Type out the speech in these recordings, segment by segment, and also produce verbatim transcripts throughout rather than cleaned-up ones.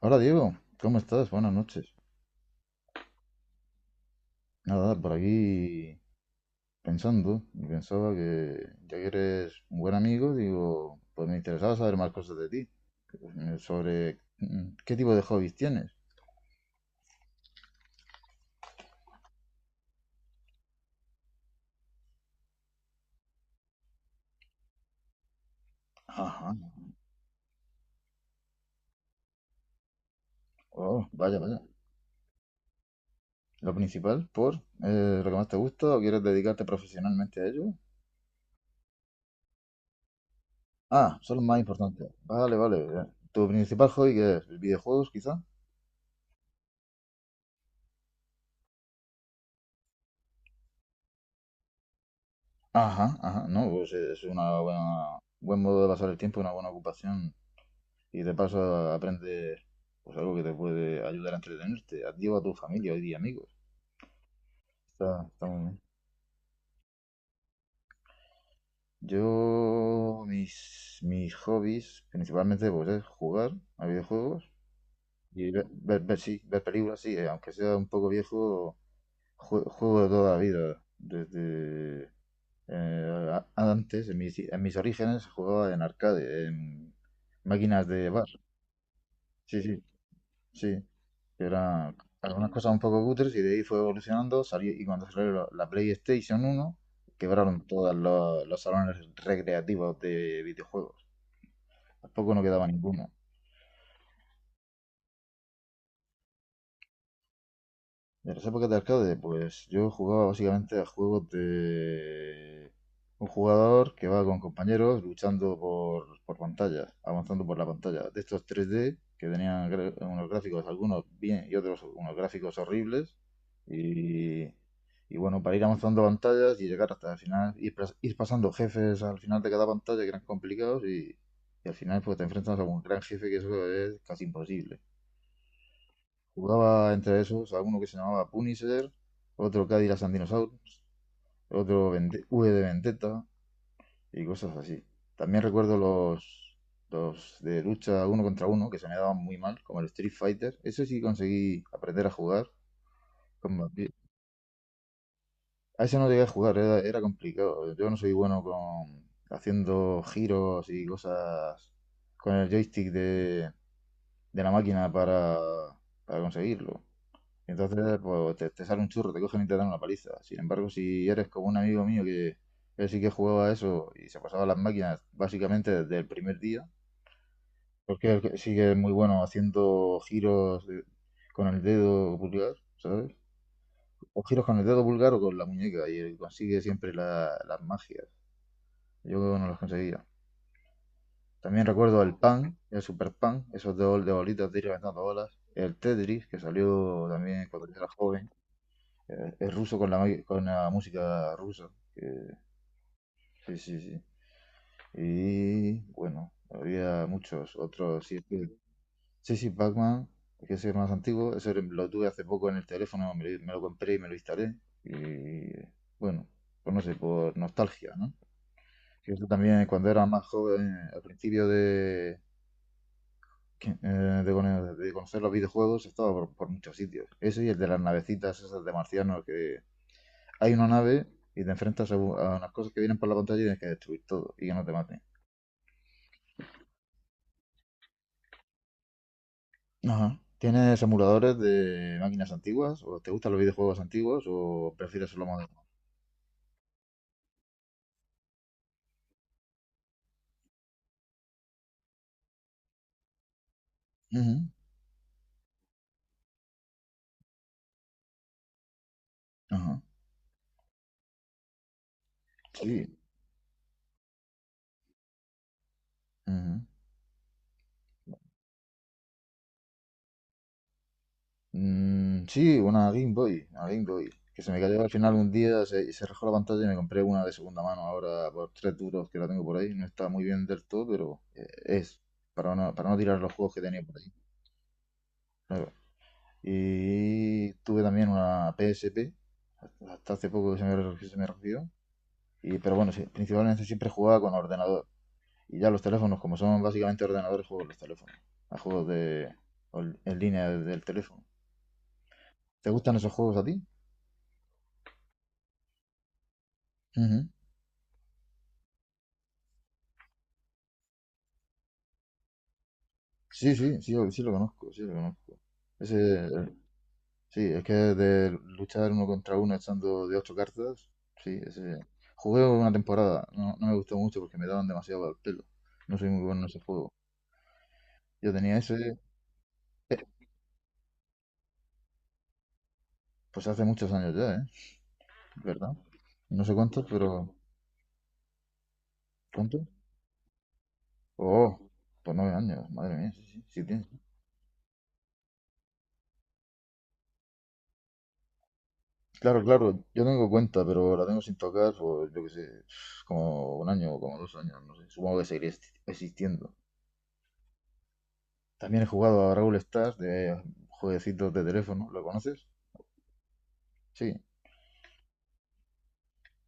Hola Diego, ¿cómo estás? Buenas noches. Nada, por aquí pensando, y pensaba que ya que eres un buen amigo, digo, pues me interesaba saber más cosas de ti, eh, sobre mm, qué tipo de hobbies tienes. Ajá, oh, vaya, vaya. Lo principal, por eh, lo que más te gusta o quieres dedicarte profesionalmente a ello. Ah, son los más importantes. Vale, vale. eh. ¿Tu principal hobby qué es? ¿Videojuegos, quizá? Ajá, ajá, no, pues es un buen modo de pasar el tiempo, una buena ocupación y de paso aprendes pues algo que te puede ayudar a entretenerte, a ti o a tu familia hoy día, amigos. Está, está muy bien. Yo, mis, mis hobbies, principalmente, pues es jugar a videojuegos y ver, ver, ver- sí, ver películas, sí, eh, aunque sea un poco viejo, jue- juego de toda la vida. Desde eh, a- antes, en mis, en mis orígenes, jugaba en arcade, en máquinas de bar. Sí, sí, sí, que era algunas cosas un poco cutres y de ahí fue evolucionando. Salió, y cuando salió la, la PlayStation uno, quebraron todos los, los salones recreativos de videojuegos. Tampoco no quedaba ninguno. De las épocas de arcade, pues yo jugaba básicamente a juegos de un jugador que va con compañeros luchando por, por pantallas, avanzando por la pantalla. De estos tres d que tenían gra- unos gráficos, algunos bien y otros unos gráficos horribles. Y, y bueno, para ir avanzando pantallas y llegar hasta el final, ir, pas- ir pasando jefes al final de cada pantalla, que eran complicados, y, y al final pues te enfrentas a un gran jefe, que eso es casi imposible. Jugaba entre esos alguno que se llamaba Punisher, otro Cadillac and Dinosaurs, otro Vente- V de Vendetta y cosas así. También recuerdo los, los de lucha uno contra uno, que se me daban muy mal, como el Street Fighter. Eso sí conseguí aprender a jugar. Combatir. A ese no llegué a jugar, era, era complicado. Yo no soy bueno con haciendo giros y cosas con el joystick de, de la máquina para, para conseguirlo. Entonces, pues te, te sale un churro, te cogen y te dan una paliza. Sin embargo, si eres como un amigo mío que él sí que jugaba a eso y se pasaba las máquinas básicamente desde el primer día, porque él que- sí que es muy bueno haciendo giros de- con el dedo pulgar, ¿sabes? O giros con el dedo pulgar o con la muñeca, y él consigue siempre la- las magias. Yo no las conseguía. También recuerdo el pan, el super pan, esos de, bol- de bolitas de ir levantando bolas. El Tetris, que salió también cuando yo era joven. Eh, es ruso con la, con la música rusa. Eh, sí, sí, sí. Y bueno, había muchos otros. Sí, es que- sí, sí, Pac-Man, que es el más antiguo. Ese lo tuve hace poco en el teléfono, me lo, me lo compré y me lo instalé. Y bueno, pues no sé, por nostalgia, ¿no? Que eso también cuando era más joven, al principio de, que- eh, de, cono- de conocer los videojuegos, estaba por, por muchos sitios. Ese y el de las navecitas esas de marcianos que, hay una nave y te enfrentas a unas cosas que vienen por la pantalla y tienes que destruir todo, y que no te maten. Ajá. ¿Tienes emuladores de máquinas antiguas? ¿O te gustan los videojuegos antiguos? ¿O prefieres lo moderno? Ujú. Ajá. Sí. Ujú. Mm, sí, una Game Boy. Una Game Boy. Que se me cayó al final un día, se, se rajó la pantalla y me compré una de segunda mano ahora por tres duros, que la tengo por ahí. No está muy bien del todo, pero eh, es para no, para no tirar los juegos que tenía por ahí. Claro. Y tuve también una P S P hasta hace poco que se me, se me rompió. Y, pero bueno, sí, principalmente siempre jugaba con ordenador. Y ya los teléfonos, como son básicamente ordenadores, juego los teléfonos. A juegos de en línea del teléfono. ¿Te gustan esos juegos a ti? Ujú. Sí, sí, sí, sí lo conozco, sí lo conozco. Ese, sí, es que de luchar uno contra uno echando de ocho cartas, sí, ese. Jugué una temporada, no, no me gustó mucho porque me daban demasiado al pelo. No soy muy bueno en ese juego. Yo tenía ese, eh, pues hace muchos años ya, ¿eh? ¿Verdad? No sé cuántos, pero ¿cuántos? Oh, por nueve años, madre mía, sí, sí, sí tienes. Claro, claro, yo tengo cuenta, pero la tengo sin tocar por, yo qué sé, como un año o como dos años, no sé, supongo que seguiré esti- existiendo. También he jugado a Brawl Stars de jueguecitos de teléfono, ¿lo conoces? Sí.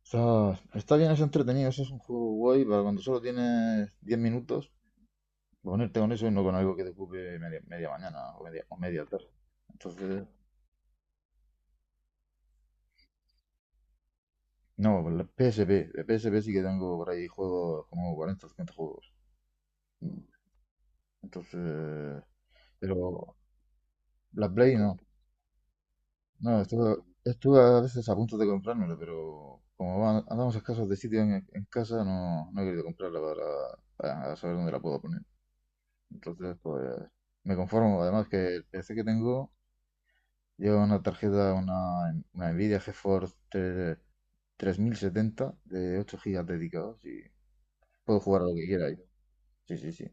Está, está bien, es entretenido, ese es un juego guay para cuando solo tienes diez minutos, ponerte con eso y no con algo que te ocupe media, media mañana o media, o media tarde. Entonces, no, la P S P, la P S P sí que tengo por ahí juegos como cuarenta o cincuenta juegos. Entonces, pero la Play no. No, estuve, estuve a veces a punto de comprármela, pero como va- andamos escasos de sitio en, en, casa, no, no he querido comprarla para, para saber dónde la puedo poner. Entonces, pues me conformo. Además que el P C que tengo lleva una tarjeta, una, una Nvidia GeForce 3- tres mil setenta de ocho gigas dedicados, y puedo jugar a lo que quiera ahí. Sí, sí, sí.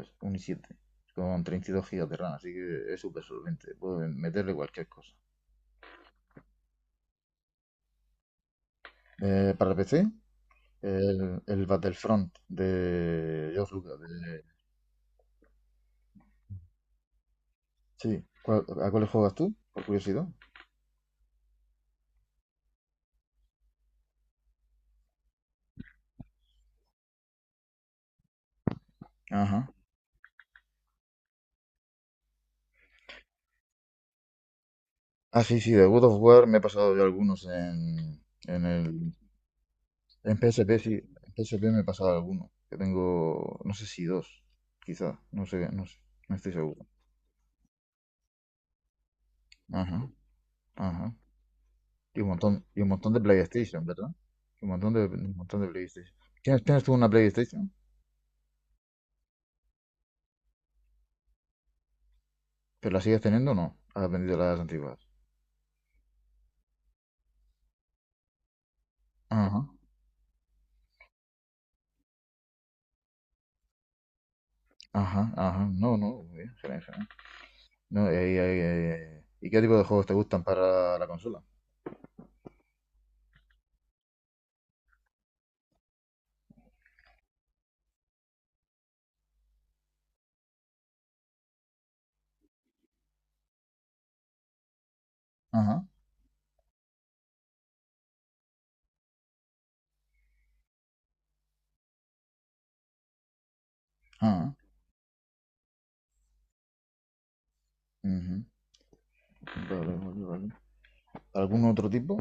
Es un i siete con treinta y dos gigas de RAM, así que es súper solvente. Puedo meterle cualquier cosa. Eh, para P C, el, el Battlefront de George Lucas. de- Sí, ¿Cuál- ¿a cuáles juegas tú? Por curiosidad. Ajá. Ah, sí, sí, de God of War me he pasado yo algunos en, en el. En P S P, sí. En P S P me he pasado algunos. Que tengo, no sé si dos, quizás. No sé, no sé. No estoy seguro. Ajá. Ajá, y un montón, y un montón de PlayStation, ¿verdad? Y un montón de, un montón de PlayStation. ¿Tienes, tienes tú una PlayStation? ¿Pero la sigues teniendo o no? ¿Has vendido las antiguas? Ajá, ajá, ajá. No, no, muy bien, genial, genial. No, y, ahí- ahí- ahí- ahí- ¿y qué tipo de juegos te gustan para la consola? Ajá, ajá. Ujú. Vale, vale, vale. ¿Algún otro tipo?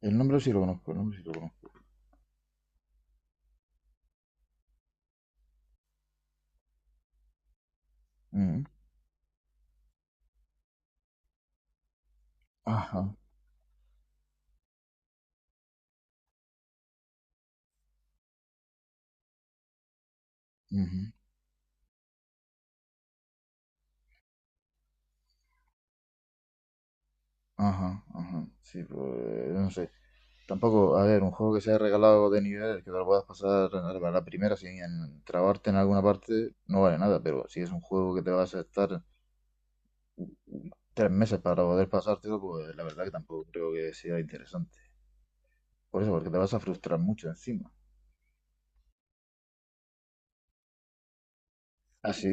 El nombre sí lo conozco, el nombre sí lo conozco. Ujú. Ajá, ujú, ajá, ajá. Sí, pues, no sé. Tampoco, a ver, un juego que sea regalado de nivel, que te lo puedas pasar a la a la primera sin en- trabarte en alguna parte, no vale nada, pero si es un juego que te vas a estar tres meses para poder pasártelo, pues la verdad que tampoco creo que sea interesante. Por eso, porque te vas a frustrar mucho encima. Así,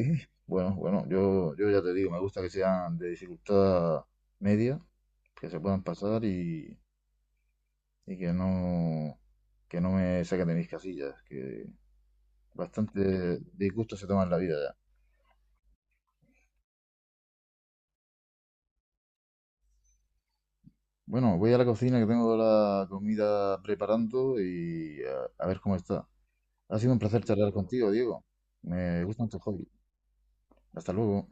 bueno, bueno, yo, yo ya te digo, me gusta que sean de dificultad media, que se puedan pasar, y, y que no, que no me saquen de mis casillas, que bastante disgusto se toma en la vida. Bueno, voy a la cocina que tengo la comida preparando y eh, a ver cómo está. Ha sido un placer charlar contigo, Diego. Me gustan tus hobbies. Hasta luego.